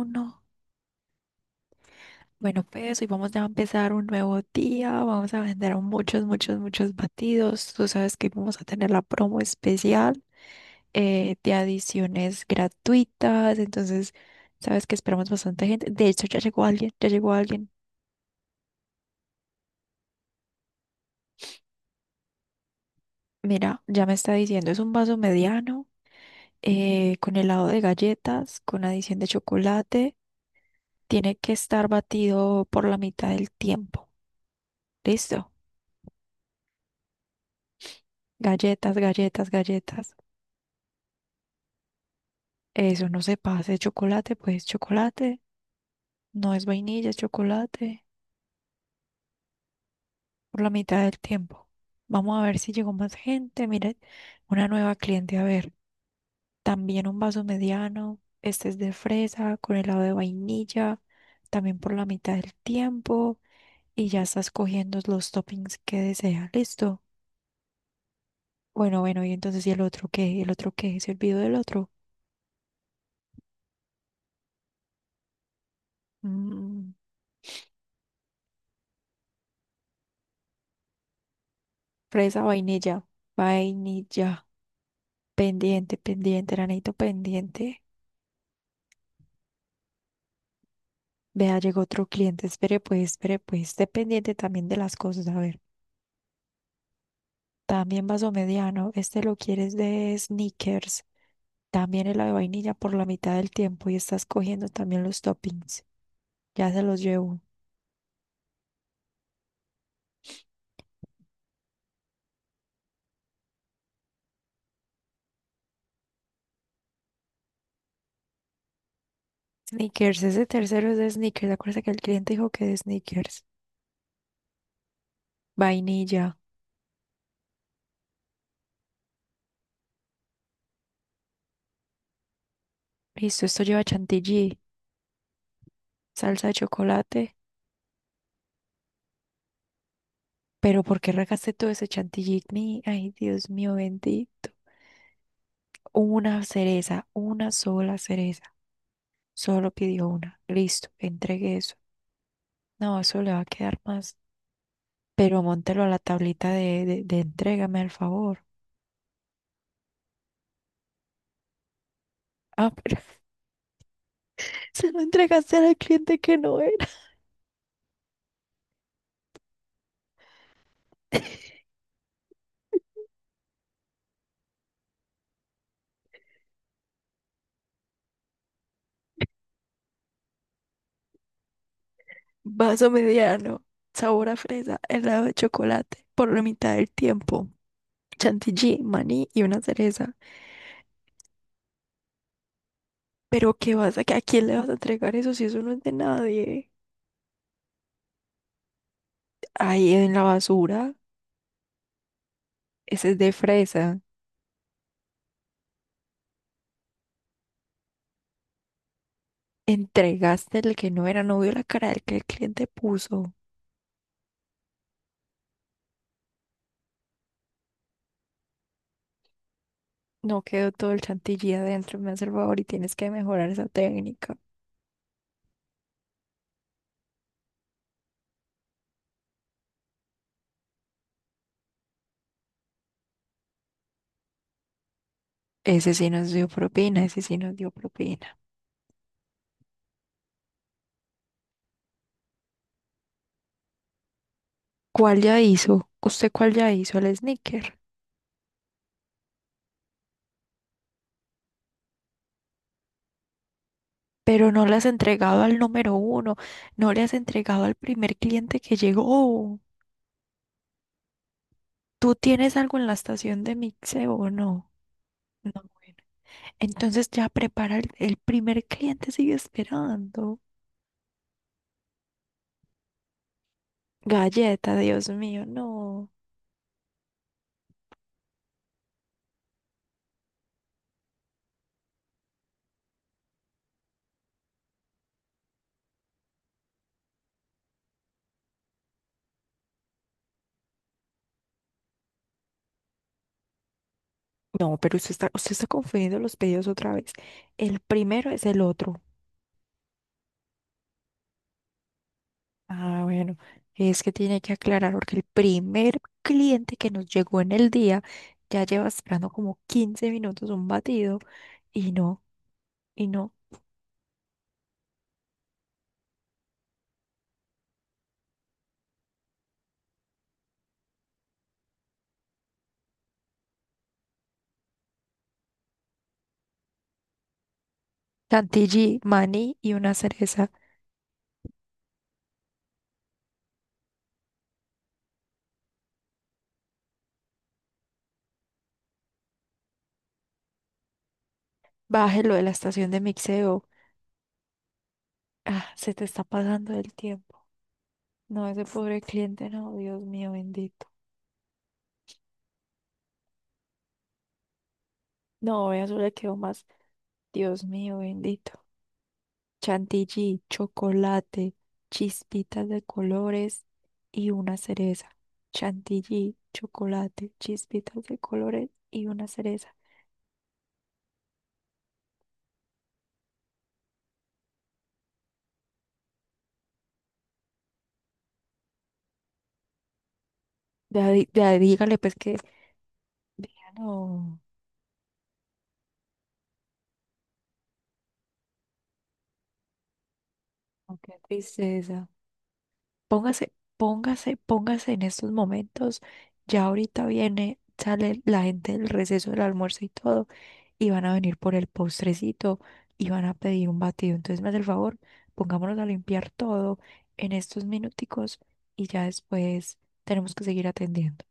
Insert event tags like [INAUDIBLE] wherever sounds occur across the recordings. Uno. Bueno, pues hoy vamos ya a empezar un nuevo día. Vamos a vender muchos, muchos, muchos batidos. Tú sabes que vamos a tener la promo especial de adiciones gratuitas. Entonces, sabes que esperamos bastante gente. De hecho, ya llegó alguien, ya llegó alguien. Mira, ya me está diciendo, es un vaso mediano con helado de galletas, con adición de chocolate. Tiene que estar batido por la mitad del tiempo. ¿Listo? Galletas, galletas, galletas. Eso no se pase. Chocolate, pues chocolate. No es vainilla, es chocolate. Por la mitad del tiempo. Vamos a ver si llegó más gente. Mire, una nueva cliente. A ver, también un vaso mediano. Este es de fresa con helado de vainilla. También por la mitad del tiempo. Y ya estás cogiendo los toppings que desea. Listo. Bueno, bueno, y entonces, ¿y el otro qué? ¿El otro qué? ¿Se olvidó del otro? Mm, Fresa, vainilla. Vainilla. Pendiente, pendiente, Ranito, pendiente. Vea, llegó otro cliente. Espere, pues, espere, pues. Esté pendiente también de las cosas. A ver, también vaso mediano. Este lo quieres de sneakers. También el de vainilla por la mitad del tiempo. Y estás cogiendo también los toppings. Ya se los llevo. Sneakers, ese tercero es de sneakers. Acuérdate que el cliente dijo que de sneakers. Vainilla. Listo, esto lleva chantilly, salsa de chocolate. Pero ¿por qué regaste todo ese chantilly? Ay, Dios mío, bendito. Una cereza, una sola cereza. Solo pidió una. Listo, entregue eso. No, eso le va a quedar más. Pero móntelo a la tablita de entrégame al favor. Ah, pero [LAUGHS] se lo entregaste al cliente que no era. [LAUGHS] Vaso mediano, sabor a fresa, helado de chocolate, por la mitad del tiempo. Chantilly, maní y una cereza. Pero qué vas ¿a quién le vas a entregar eso si eso no es de nadie? Ahí en la basura. Ese es de fresa. Entregaste el que no era, no vio la cara del que el cliente puso. No quedó todo el chantilly adentro, me hace el favor y tienes que mejorar esa técnica. Ese sí nos dio propina, ese sí nos dio propina. ¿Cuál ya hizo? ¿Usted cuál ya hizo? El sneaker. Pero no le has entregado al número uno, no le has entregado al primer cliente que llegó. ¿Tú tienes algo en la estación de mixeo o no? No. Entonces ya prepara el primer cliente, sigue esperando. Galleta, Dios mío, no. No, pero usted está confundiendo los pedidos otra vez. El primero es el otro. Ah, bueno, es que tiene que aclarar porque el primer cliente que nos llegó en el día ya lleva esperando como 15 minutos un batido y no, y no. Chantilly, maní y una cereza. Bájelo de la estación de mixeo. Ah, se te está pasando el tiempo. No, ese pobre cliente, no, Dios mío bendito. No, eso le quedó más, Dios mío bendito. Chantilly, chocolate, chispitas de colores y una cereza. Chantilly, chocolate, chispitas de colores y una cereza. Ya, ya dígale pues que ya no, no, qué tristeza. Póngase, póngase, póngase en estos momentos. Ya ahorita viene, sale la gente del receso del almuerzo y todo. Y van a venir por el postrecito y van a pedir un batido. Entonces me hace el favor, pongámonos a limpiar todo en estos minuticos y ya después tenemos que seguir atendiendo.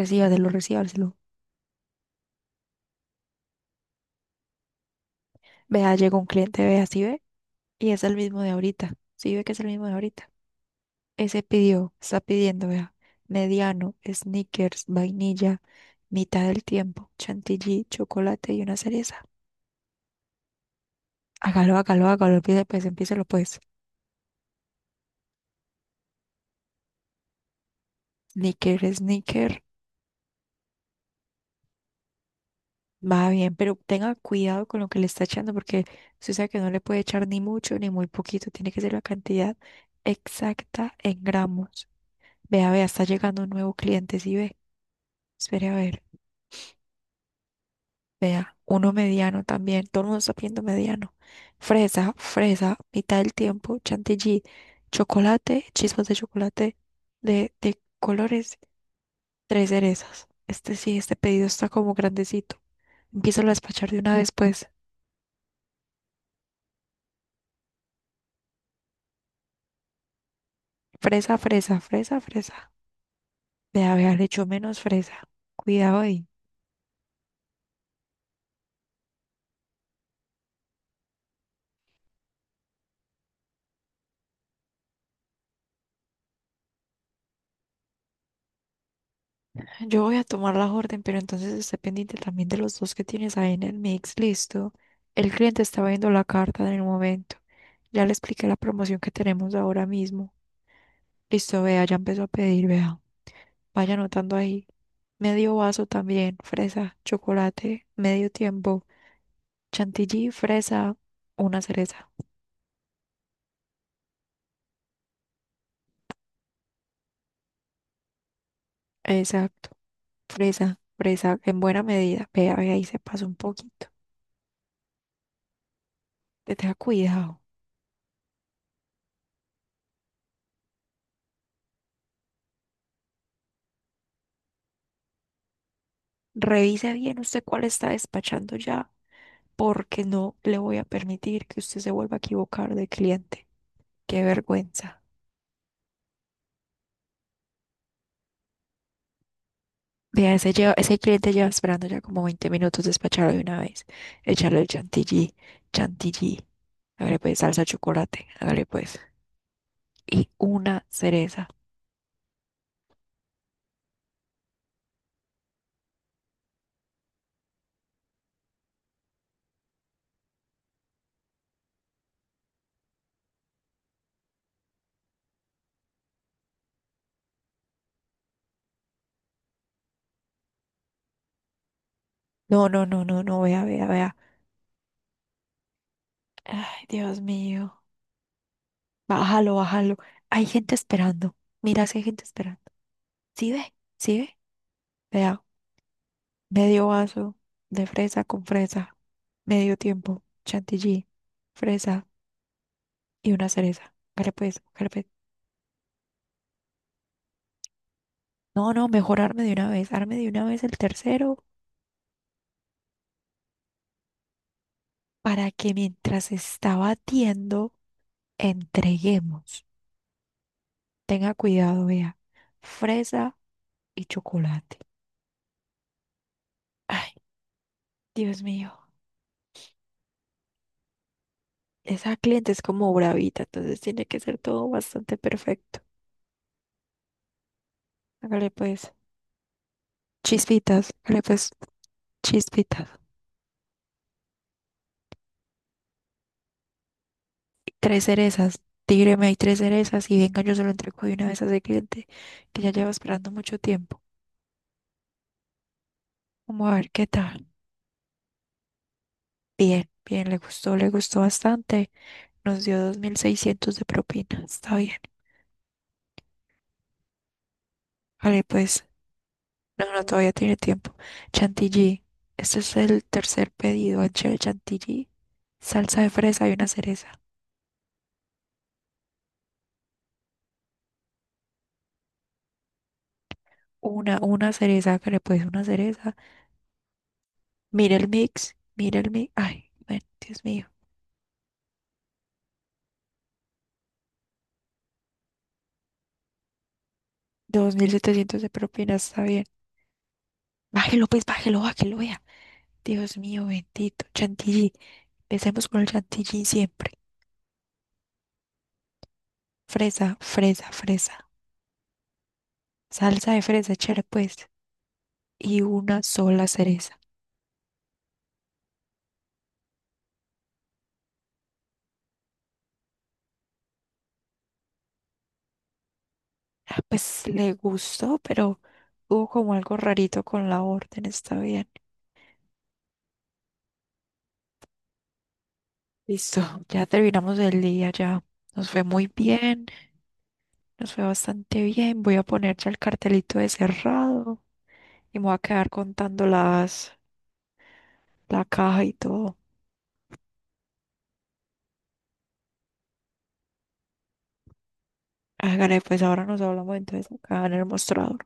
Recíbaselo, recíbaselo. Vea, llegó un cliente, vea, si ve, y es el mismo de ahorita. Si ve que es el mismo de ahorita. Ese pidió, está pidiendo, vea, mediano, Snickers vainilla, mitad del tiempo, chantilly, chocolate y una cereza. Hágalo, hágalo, hágalo, empiece pues, empiécelo pues. Snicker, snicker. Va bien, pero tenga cuidado con lo que le está echando porque usted sabe que no le puede echar ni mucho ni muy poquito, tiene que ser la cantidad exacta en gramos. Vea, vea, está llegando un nuevo cliente, sí ve. Espere a ver, vea, uno mediano también, todo el mundo está pidiendo mediano. Fresa, fresa, mitad del tiempo, chantilly, chocolate, chispas de chocolate de colores, tres cerezas. Este sí, este pedido está como grandecito. Empiezo a despachar de una vez, pues. Fresa, fresa, fresa, fresa. De haberle hecho menos fresa. Cuidado ahí. Yo voy a tomar la orden, pero entonces esté pendiente también de los dos que tienes ahí en el mix. Listo. El cliente está viendo la carta en el momento. Ya le expliqué la promoción que tenemos ahora mismo. Listo, vea, ya empezó a pedir, vea. Vaya anotando ahí. Medio vaso también, fresa, chocolate, medio tiempo, chantilly, fresa, una cereza. Exacto, fresa, fresa, en buena medida. Vea, vea, ahí se pasa un poquito. Te tenga cuidado. Revise bien usted cuál está despachando ya, porque no le voy a permitir que usted se vuelva a equivocar de cliente. Qué vergüenza. Vea, ese, lleva- ese cliente lleva esperando ya como 20 minutos despacharlo de una vez. Echarle el chantilly, chantilly. Hágale pues salsa de chocolate, hágale pues. Y una cereza. No, no, no, no, no, vea, vea, vea. Ay, Dios mío. Bájalo, bájalo. Hay gente esperando. Mira si hay gente esperando. ¿Sí ve? ¿Sí ve? Vea, medio vaso de fresa con fresa, medio tiempo, chantilly, fresa y una cereza. Hágale pues, hágale pues. No, no, mejor arme de una vez, arme de una vez el tercero para que mientras está batiendo, entreguemos. Tenga cuidado, vea, fresa y chocolate. Ay, Dios mío, esa cliente es como bravita, entonces tiene que ser todo bastante perfecto. Hágale pues, chispitas, hágale pues, chispitas. Tres cerezas. Tigre, me hay tres cerezas y venga, yo se lo entrego de una vez a ese cliente que ya lleva esperando mucho tiempo. Vamos a ver qué tal. Bien, bien, le gustó bastante. Nos dio 2.600 de propina. Está bien. Vale, pues, no, no, todavía tiene tiempo. Chantilly. Este es el tercer pedido. Anchel chantilly, salsa de fresa y una cereza. Una cereza, que le puedes una cereza. Mira el mix, mira el mix. Ay, bueno, Dios mío. 2.700 de propina, está bien. Bájelo, pues, bájelo, bájelo, vea. Dios mío, bendito. Chantilly. Empecemos con el chantilly siempre. Fresa, fresa, fresa. Salsa de fresa, échale pues. Y una sola cereza. Ah, pues le gustó, pero hubo como algo rarito con la orden, está bien. Listo, ya terminamos el día, ya. Nos fue muy bien, nos fue bastante bien. Voy a poner ya el cartelito de cerrado y me voy a quedar contando la caja y todo. Hágale, pues ahora nos hablamos entonces acá en el mostrado.